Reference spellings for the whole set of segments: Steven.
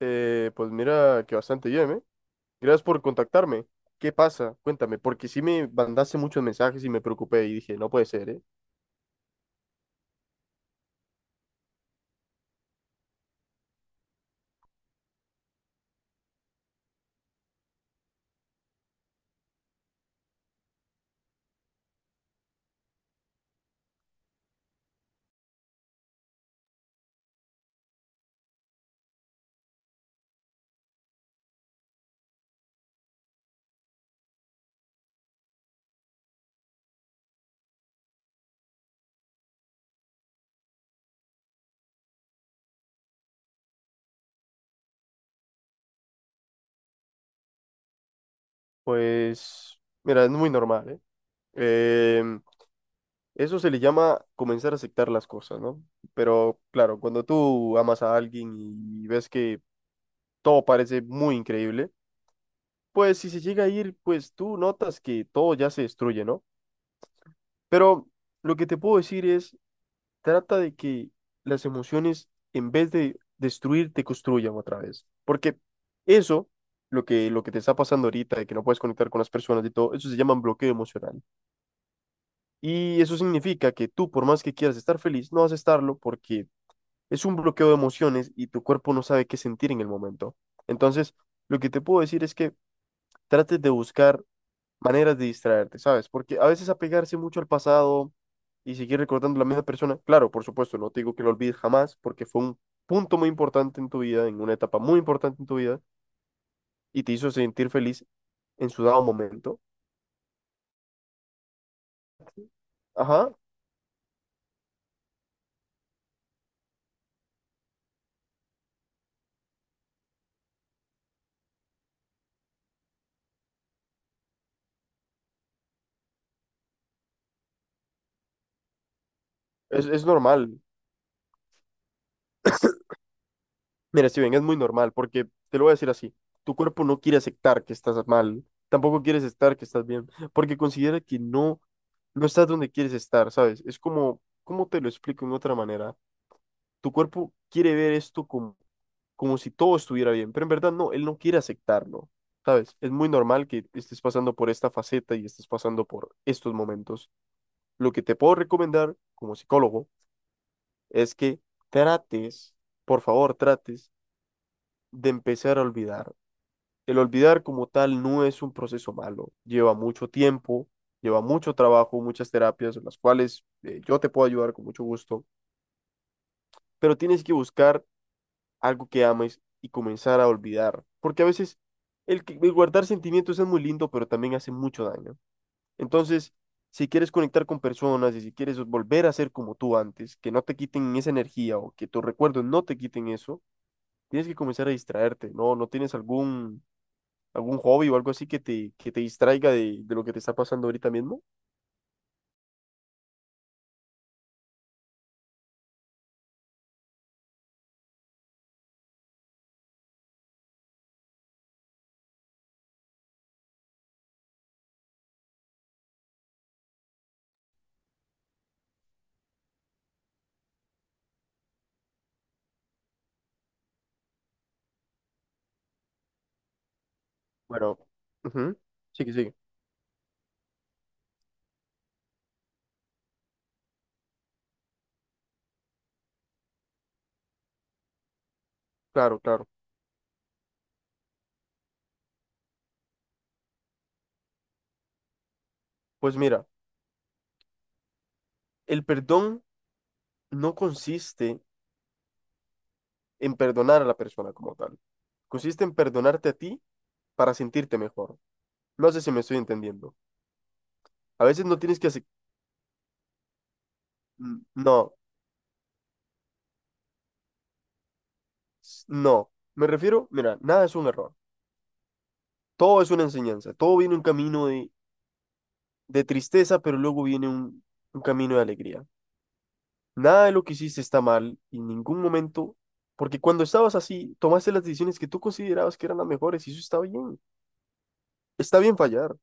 Pues mira que bastante bien, ¿eh? Gracias por contactarme. ¿Qué pasa? Cuéntame, porque sí me mandaste muchos mensajes y me preocupé y dije, no puede ser, ¿eh? Pues, mira, es muy normal, ¿eh? Em, Eso se le llama comenzar a aceptar las cosas, ¿no? Pero claro, cuando tú amas a alguien y ves que todo parece muy increíble, pues si se llega a ir, pues tú notas que todo ya se destruye, ¿no? Pero lo que te puedo decir es, trata de que las emociones, en vez de destruir, te construyan otra vez. Porque eso, lo que te está pasando ahorita, de que no puedes conectar con las personas y todo, eso se llama bloqueo emocional. Y eso significa que tú, por más que quieras estar feliz, no vas a estarlo porque es un bloqueo de emociones y tu cuerpo no sabe qué sentir en el momento. Entonces, lo que te puedo decir es que trates de buscar maneras de distraerte, ¿sabes? Porque a veces apegarse mucho al pasado y seguir recordando a la misma persona, claro, por supuesto, no te digo que lo olvides jamás, porque fue un punto muy importante en tu vida, en una etapa muy importante en tu vida, y te hizo sentir feliz en su dado momento. Ajá, es normal. Mira, Steven, es muy normal, porque te lo voy a decir así, tu cuerpo no quiere aceptar que estás mal, tampoco quieres estar que estás bien, porque considera que no, no estás donde quieres estar, ¿sabes? Es como, ¿cómo te lo explico en otra manera? Tu cuerpo quiere ver esto como como si todo estuviera bien, pero en verdad no, él no quiere aceptarlo, ¿sabes? Es muy normal que estés pasando por esta faceta y estés pasando por estos momentos. Lo que te puedo recomendar como psicólogo es que trates, por favor, trates de empezar a olvidar. El olvidar como tal no es un proceso malo, lleva mucho tiempo, lleva mucho trabajo, muchas terapias, en las cuales yo te puedo ayudar con mucho gusto, pero tienes que buscar algo que ames y comenzar a olvidar. Porque a veces el guardar sentimientos es muy lindo, pero también hace mucho daño. Entonces, si quieres conectar con personas y si quieres volver a ser como tú antes, que no te quiten esa energía o que tus recuerdos no te quiten eso, tienes que comenzar a distraerte, ¿no? ¿No tienes algún, algún hobby o algo así que que te distraiga de lo que te está pasando ahorita mismo? Bueno, ujú. Sigue, sigue. Claro, claro. Pues mira, el perdón no consiste en perdonar a la persona como tal. Consiste en perdonarte a ti para sentirte mejor. No sé si me estoy entendiendo. A veces no tienes que hacer... No, no. Me refiero, mira, nada es un error. Todo es una enseñanza. Todo viene un camino de tristeza, pero luego viene un camino de alegría. Nada de lo que hiciste está mal en ningún momento, porque cuando estabas así, tomaste las decisiones que tú considerabas que eran las mejores y eso está bien. Está bien fallar.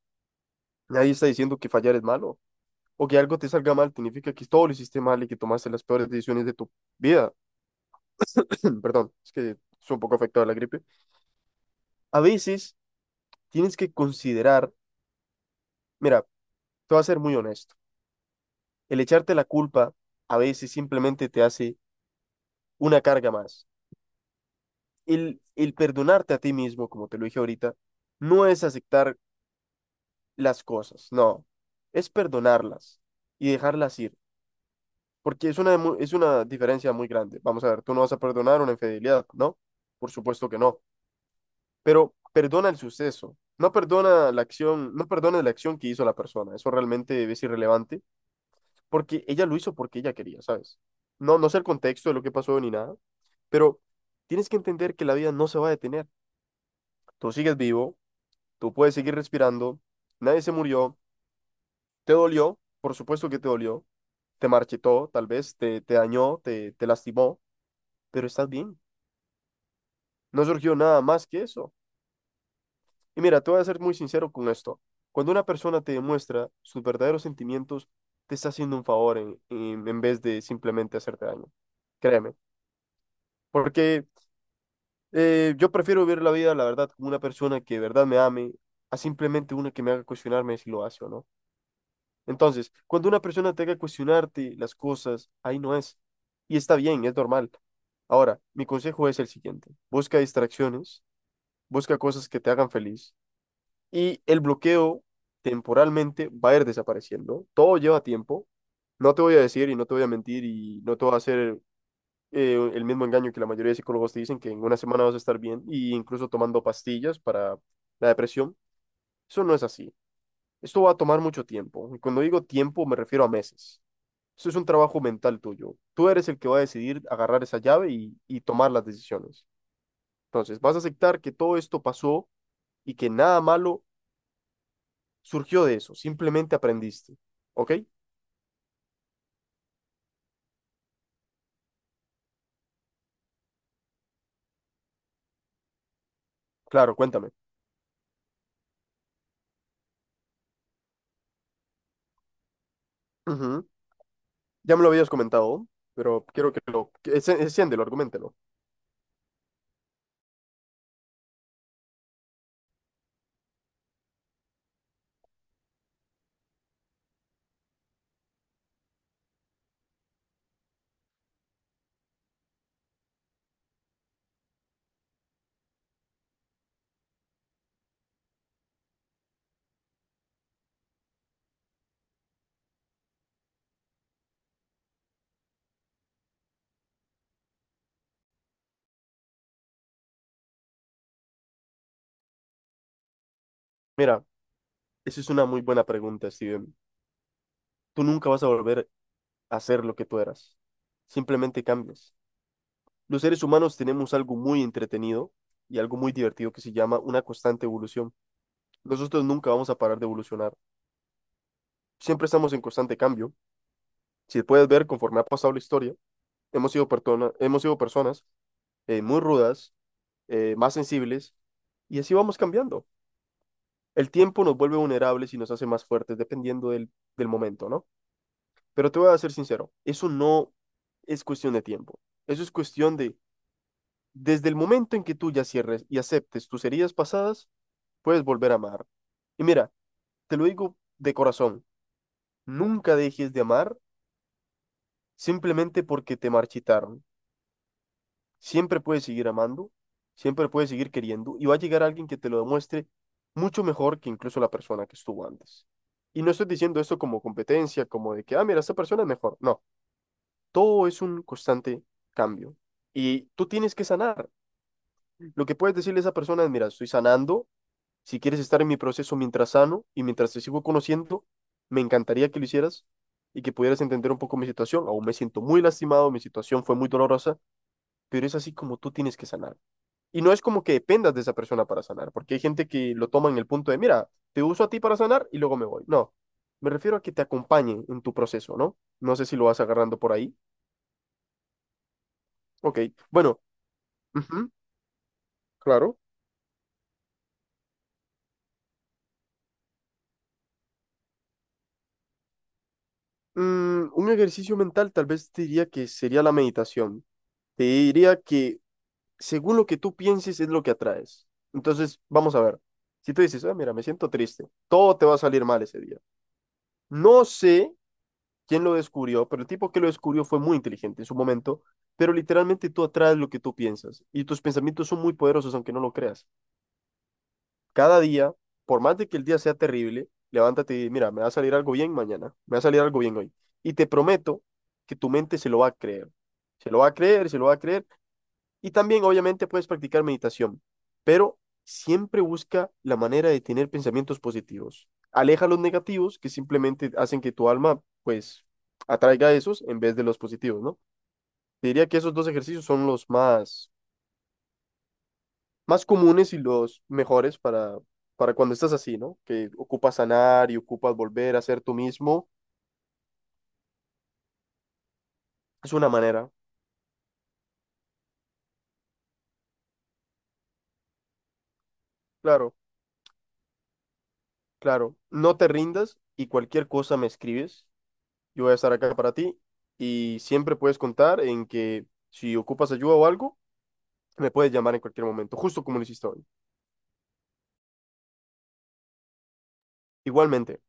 Nadie está diciendo que fallar es malo. O que algo te salga mal, significa que todo lo hiciste mal y que tomaste las peores decisiones de tu vida. Perdón, es que soy un poco afectado a la gripe. A veces tienes que considerar, mira, te voy a ser muy honesto, el echarte la culpa a veces simplemente te hace una carga más. El perdonarte a ti mismo, como te lo dije ahorita, no es aceptar las cosas, no, es perdonarlas y dejarlas ir. Porque es una, es una diferencia muy grande. Vamos a ver, tú no vas a perdonar una infidelidad, ¿no? Por supuesto que no. Pero perdona el suceso, no perdona la acción, no perdona la acción que hizo la persona, eso realmente es irrelevante, porque ella lo hizo porque ella quería, ¿sabes? No, no sé el contexto de lo que pasó ni nada, pero tienes que entender que la vida no se va a detener, tú sigues vivo, tú puedes seguir respirando, nadie se murió, te dolió, por supuesto que te dolió, te marchitó, tal vez te, te dañó, te lastimó, pero estás bien, no surgió nada más que eso. Y mira, te voy a ser muy sincero con esto. Cuando una persona te demuestra sus verdaderos sentimientos, te está haciendo un favor en vez de simplemente hacerte daño. Créeme. Porque yo prefiero vivir la vida, la verdad, con una persona que de verdad me ame, a simplemente una que me haga cuestionarme si lo hace o no. Entonces, cuando una persona te haga cuestionarte las cosas, ahí no es. Y está bien, es normal. Ahora, mi consejo es el siguiente. Busca distracciones, busca cosas que te hagan feliz y el bloqueo temporalmente va a ir desapareciendo. Todo lleva tiempo. No te voy a decir y no te voy a mentir y no te voy a hacer el mismo engaño que la mayoría de psicólogos te dicen que en una semana vas a estar bien y incluso tomando pastillas para la depresión. Eso no es así. Esto va a tomar mucho tiempo. Y cuando digo tiempo me refiero a meses. Esto es un trabajo mental tuyo. Tú eres el que va a decidir agarrar esa llave y tomar las decisiones. Entonces, vas a aceptar que todo esto pasó y que nada malo surgió de eso, simplemente aprendiste. ¿Ok? Claro, cuéntame. Ujú. Ya me lo habías comentado, pero quiero que lo... que enciéndelo, argumentelo. Mira, esa es una muy buena pregunta, Steven. Tú nunca vas a volver a ser lo que tú eras. Simplemente cambias. Los seres humanos tenemos algo muy entretenido y algo muy divertido que se llama una constante evolución. Nosotros nunca vamos a parar de evolucionar. Siempre estamos en constante cambio. Si puedes ver, conforme ha pasado la historia, hemos sido, hemos sido personas muy rudas, más sensibles, y así vamos cambiando. El tiempo nos vuelve vulnerables y nos hace más fuertes dependiendo del, del momento, ¿no? Pero te voy a ser sincero, eso no es cuestión de tiempo, eso es cuestión de, desde el momento en que tú ya cierres y aceptes tus heridas pasadas, puedes volver a amar. Y mira, te lo digo de corazón, nunca dejes de amar simplemente porque te marchitaron. Siempre puedes seguir amando, siempre puedes seguir queriendo y va a llegar alguien que te lo demuestre mucho mejor que incluso la persona que estuvo antes. Y no estoy diciendo esto como competencia, como de que, ah, mira, esta persona es mejor. No, todo es un constante cambio. Y tú tienes que sanar. Lo que puedes decirle a esa persona es, mira, estoy sanando, si quieres estar en mi proceso mientras sano y mientras te sigo conociendo, me encantaría que lo hicieras y que pudieras entender un poco mi situación. Aún me siento muy lastimado, mi situación fue muy dolorosa, pero es así como tú tienes que sanar. Y no es como que dependas de esa persona para sanar, porque hay gente que lo toma en el punto de, mira, te uso a ti para sanar y luego me voy. No, me refiero a que te acompañe en tu proceso, ¿no? No sé si lo vas agarrando por ahí. Ok, bueno, ujú, claro. Mm, un ejercicio mental tal vez te diría que sería la meditación. Te diría que según lo que tú pienses es lo que atraes. Entonces, vamos a ver. Si tú dices, ah, mira, me siento triste, todo te va a salir mal ese día. No sé quién lo descubrió, pero el tipo que lo descubrió fue muy inteligente en su momento, pero literalmente tú atraes lo que tú piensas y tus pensamientos son muy poderosos aunque no lo creas. Cada día, por más de que el día sea terrible, levántate y mira, me va a salir algo bien mañana, me va a salir algo bien hoy. Y te prometo que tu mente se lo va a creer, se lo va a creer, se lo va a creer y también, obviamente, puedes practicar meditación, pero siempre busca la manera de tener pensamientos positivos. Aleja los negativos que simplemente hacen que tu alma, pues, atraiga esos en vez de los positivos, ¿no? Te diría que esos dos ejercicios son los más, más comunes y los mejores para cuando estás así, ¿no? Que ocupas sanar y ocupas volver a ser tú mismo. Es una manera, claro, claro. No te rindas y cualquier cosa me escribes. Yo voy a estar acá para ti y siempre puedes contar en que si ocupas ayuda o algo, me puedes llamar en cualquier momento, justo como lo hiciste hoy. Igualmente.